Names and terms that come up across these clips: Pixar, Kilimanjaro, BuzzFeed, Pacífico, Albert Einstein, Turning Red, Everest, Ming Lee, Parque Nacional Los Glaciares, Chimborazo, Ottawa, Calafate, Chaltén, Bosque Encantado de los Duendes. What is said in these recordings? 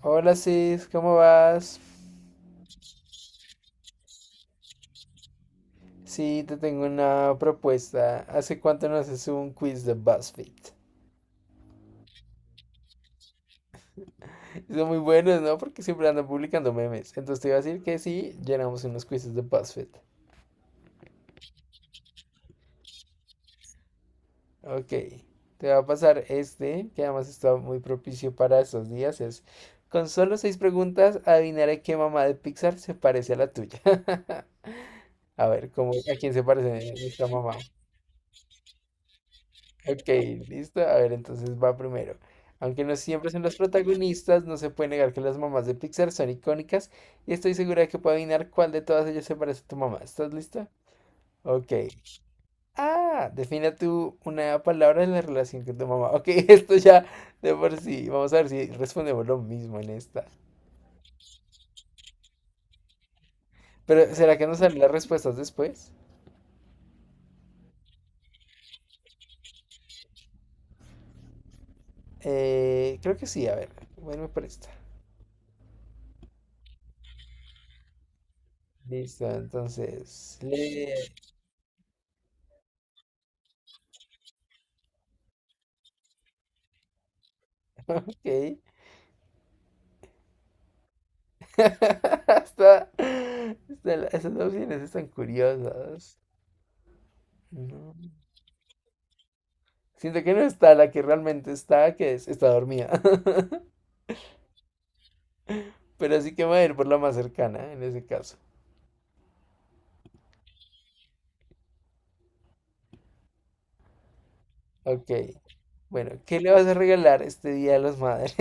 Hola Sis, ¿cómo vas? Sí, te tengo una propuesta. ¿Hace cuánto no haces un quiz de BuzzFeed? Son muy buenos, ¿no? Porque siempre andan publicando memes. Entonces te iba a decir que sí, llenamos unos quizzes de BuzzFeed. Ok, te va a pasar este, que además está muy propicio para estos días. Es, con solo seis preguntas, adivinaré qué mamá de Pixar se parece a la tuya. A ver, ¿cómo, a quién se parece nuestra mamá? Ok, listo. A ver, entonces va primero. Aunque no siempre son las protagonistas, no se puede negar que las mamás de Pixar son icónicas y estoy segura de que puedo adivinar cuál de todas ellas se parece a tu mamá. ¿Estás lista? Ok. Ah, defina tú una palabra en la relación con tu mamá. Ok, esto ya de por sí. Vamos a ver si respondemos lo mismo en esta. Pero, ¿será que nos salen las respuestas después? Creo que sí, a ver. Bueno, por esta. Listo, entonces. Le... Ok. Esas opciones están curiosas. No. Siento que no está la que realmente está, que es, está dormida. Pero sí que me voy a ir por la más cercana en ese caso. Ok. Bueno, ¿qué le vas a regalar este Día de las Madres?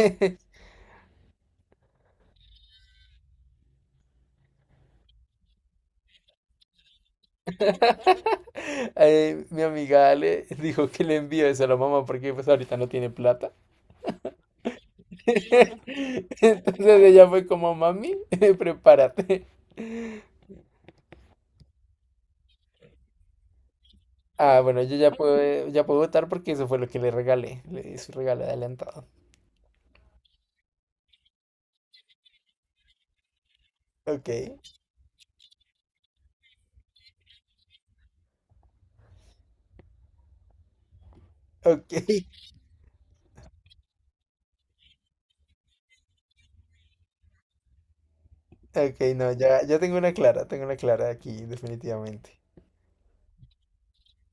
Mi amiga Ale dijo que le envíe eso a la mamá porque pues ahorita no tiene plata. Entonces ella fue como, mami, prepárate. Ah, bueno, yo ya puedo votar porque eso fue lo que le regalé. Le di su regalo adelantado. Ok, ok, ok, no, ya tengo una clara aquí, definitivamente.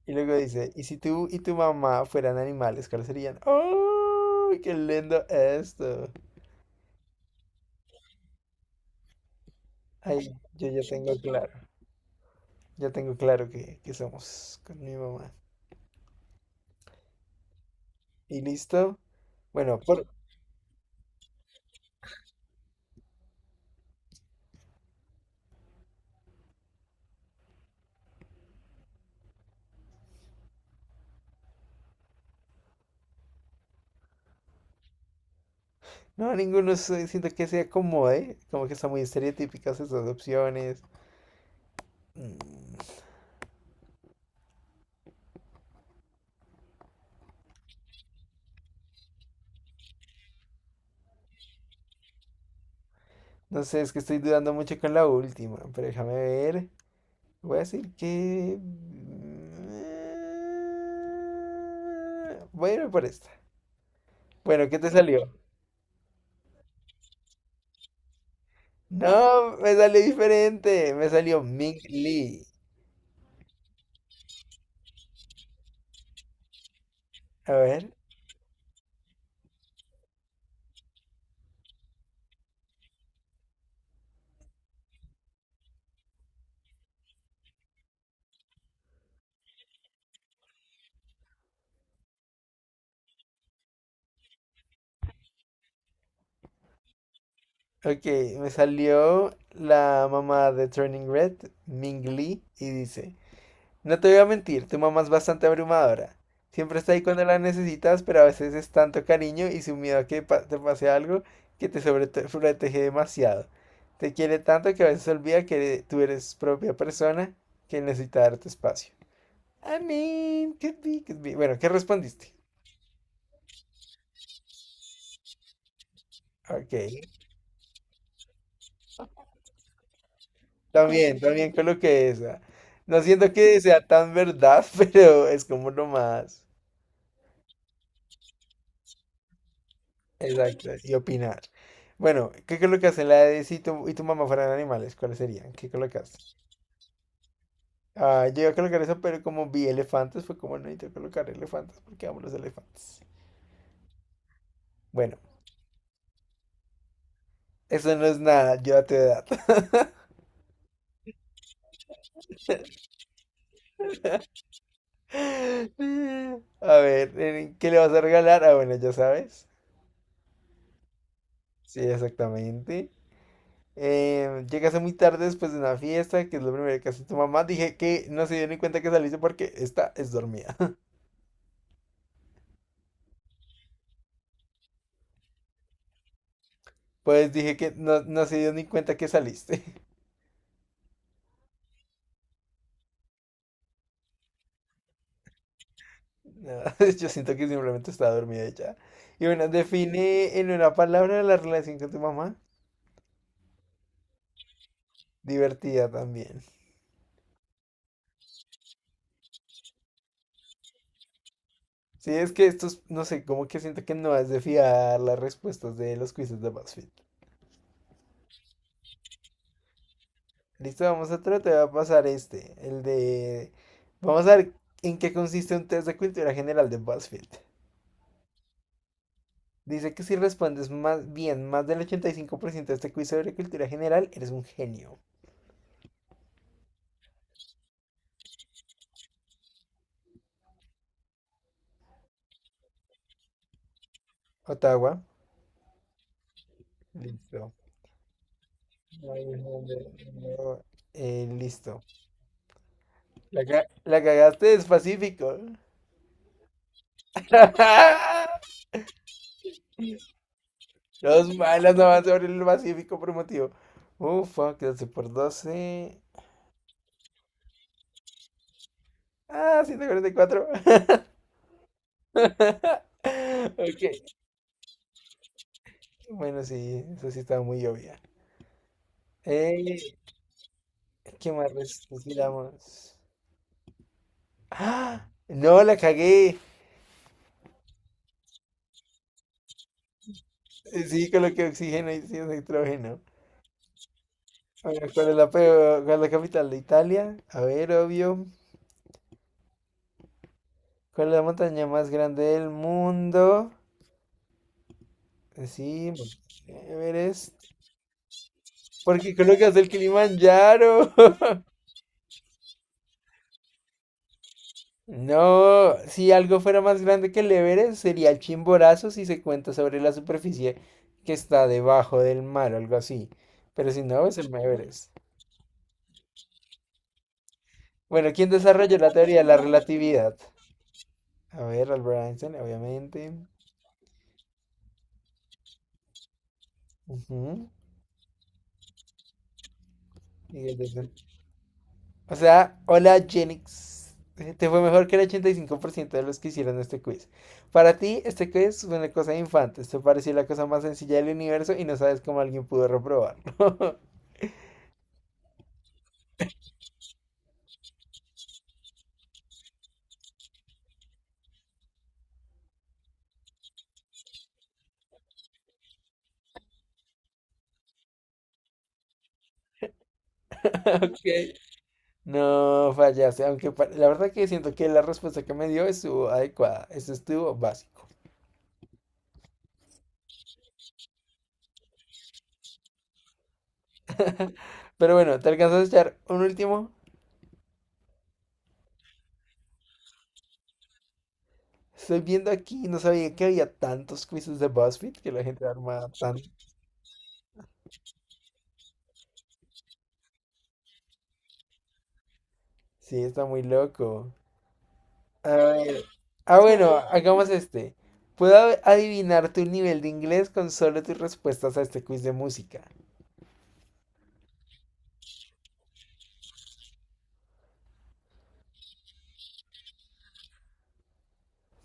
Y luego dice, ¿y si tú y tu mamá fueran animales, cuáles serían? ¡Oh! ¡Qué lindo esto! Ay, yo ya tengo claro que somos con mi mamá. ¿Y listo? Bueno, por... No, ninguno siento que se acomode, como que están muy estereotípicas esas opciones. Mm, No sé, es que estoy dudando mucho con la última, pero déjame ver. Voy a decir que... voy a irme por esta. Bueno, ¿qué te salió? No, me salió diferente. Me salió Ming Lee. A ver. Ok, me salió la mamá de Turning Red, Ming Lee, y dice... No te voy a mentir, tu mamá es bastante abrumadora. Siempre está ahí cuando la necesitas, pero a veces es tanto cariño y su miedo a que te pase algo que te sobreprotege demasiado. Te quiere tanto que a veces olvida que tú eres propia persona que necesita darte espacio. I mean, could be, could be. Bueno, ¿qué respondiste? Ok. También coloqué esa. No siento que sea tan verdad, pero es como lo más. Exacto, y opinar. Bueno, ¿qué colocas en la de si tu mamá fueran animales? ¿Cuáles serían? ¿Qué colocas? Ah, yo iba a colocar eso, pero como vi elefantes, fue como no necesito colocar elefantes porque amo los elefantes. Bueno, eso no es nada, yo a tu edad. A ver, ¿qué le vas a regalar? Ah, bueno, ya sabes. Sí, exactamente. Llegaste muy tarde después de una fiesta, que es lo primero que hace tu mamá. Dije que no se dio ni cuenta que saliste porque esta es dormida. Pues dije que no, no se dio ni cuenta que saliste. No, yo siento que simplemente estaba dormida y ya. Y bueno, define en una palabra la relación con tu mamá. Divertida también. Sí, es que estos, no sé, como que siento que no has de fiar las respuestas de los quizzes de BuzzFeed. Listo, vamos a tratar de pasar este, el de... Vamos a ver en qué consiste un test de cultura general de BuzzFeed. Dice que si respondes más bien más del 85% de este quiz sobre cultura general, eres un genio. Ottawa. Listo. Ahí es donde no- listo. La cagaste del Pacífico. Los malas no van sobre el Pacífico por un motivo. Fuck, 12 por 12. Ah, 144. Ok. Bueno, sí, eso sí estaba muy obvia. Eh, ¿Qué más necesitamos? ¡Ah! No, la cagué. Sí, coloqué oxígeno y sí, nitrógeno. Bueno, ¿cuál es la capital de Italia? A ver, obvio. ¿Cuál es la montaña más grande del mundo? Sí, Monte Everest. Porque colocas el Kilimanjaro. No, si algo fuera más grande que el Everest, sería el Chimborazo si se cuenta sobre la superficie que está debajo del mar o algo así. Pero si no, es el Everest. Bueno, ¿quién desarrolló la teoría de la relatividad? A ver, Albert Einstein, obviamente. Ujú. Miguel de... O sea, hola Genix. Te fue mejor que el 85% de los que hicieron este quiz. Para ti, este quiz fue una cosa de infantes. Te pareció la cosa más sencilla del universo y no sabes cómo alguien pudo reprobarlo. Ok. No fallaste, aunque la verdad que siento que la respuesta que me dio estuvo adecuada. Esto estuvo básico. Pero bueno, ¿te alcanzas a echar un último? Estoy viendo aquí, no sabía que había tantos quizzes de BuzzFeed que la gente arma tanto. Sí, está muy loco. A ver. Ah, bueno, hagamos este. Puedo adivinar tu nivel de inglés con solo tus respuestas a este quiz de música.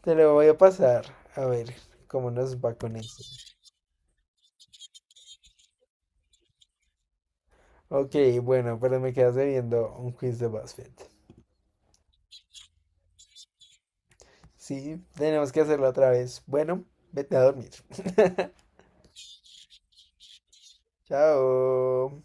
Te lo voy a pasar. A ver cómo nos va con eso. Ok, bueno, pero me quedas debiendo un quiz de BuzzFeed. Sí, tenemos que hacerlo otra vez. Bueno, vete a dormir. Chao.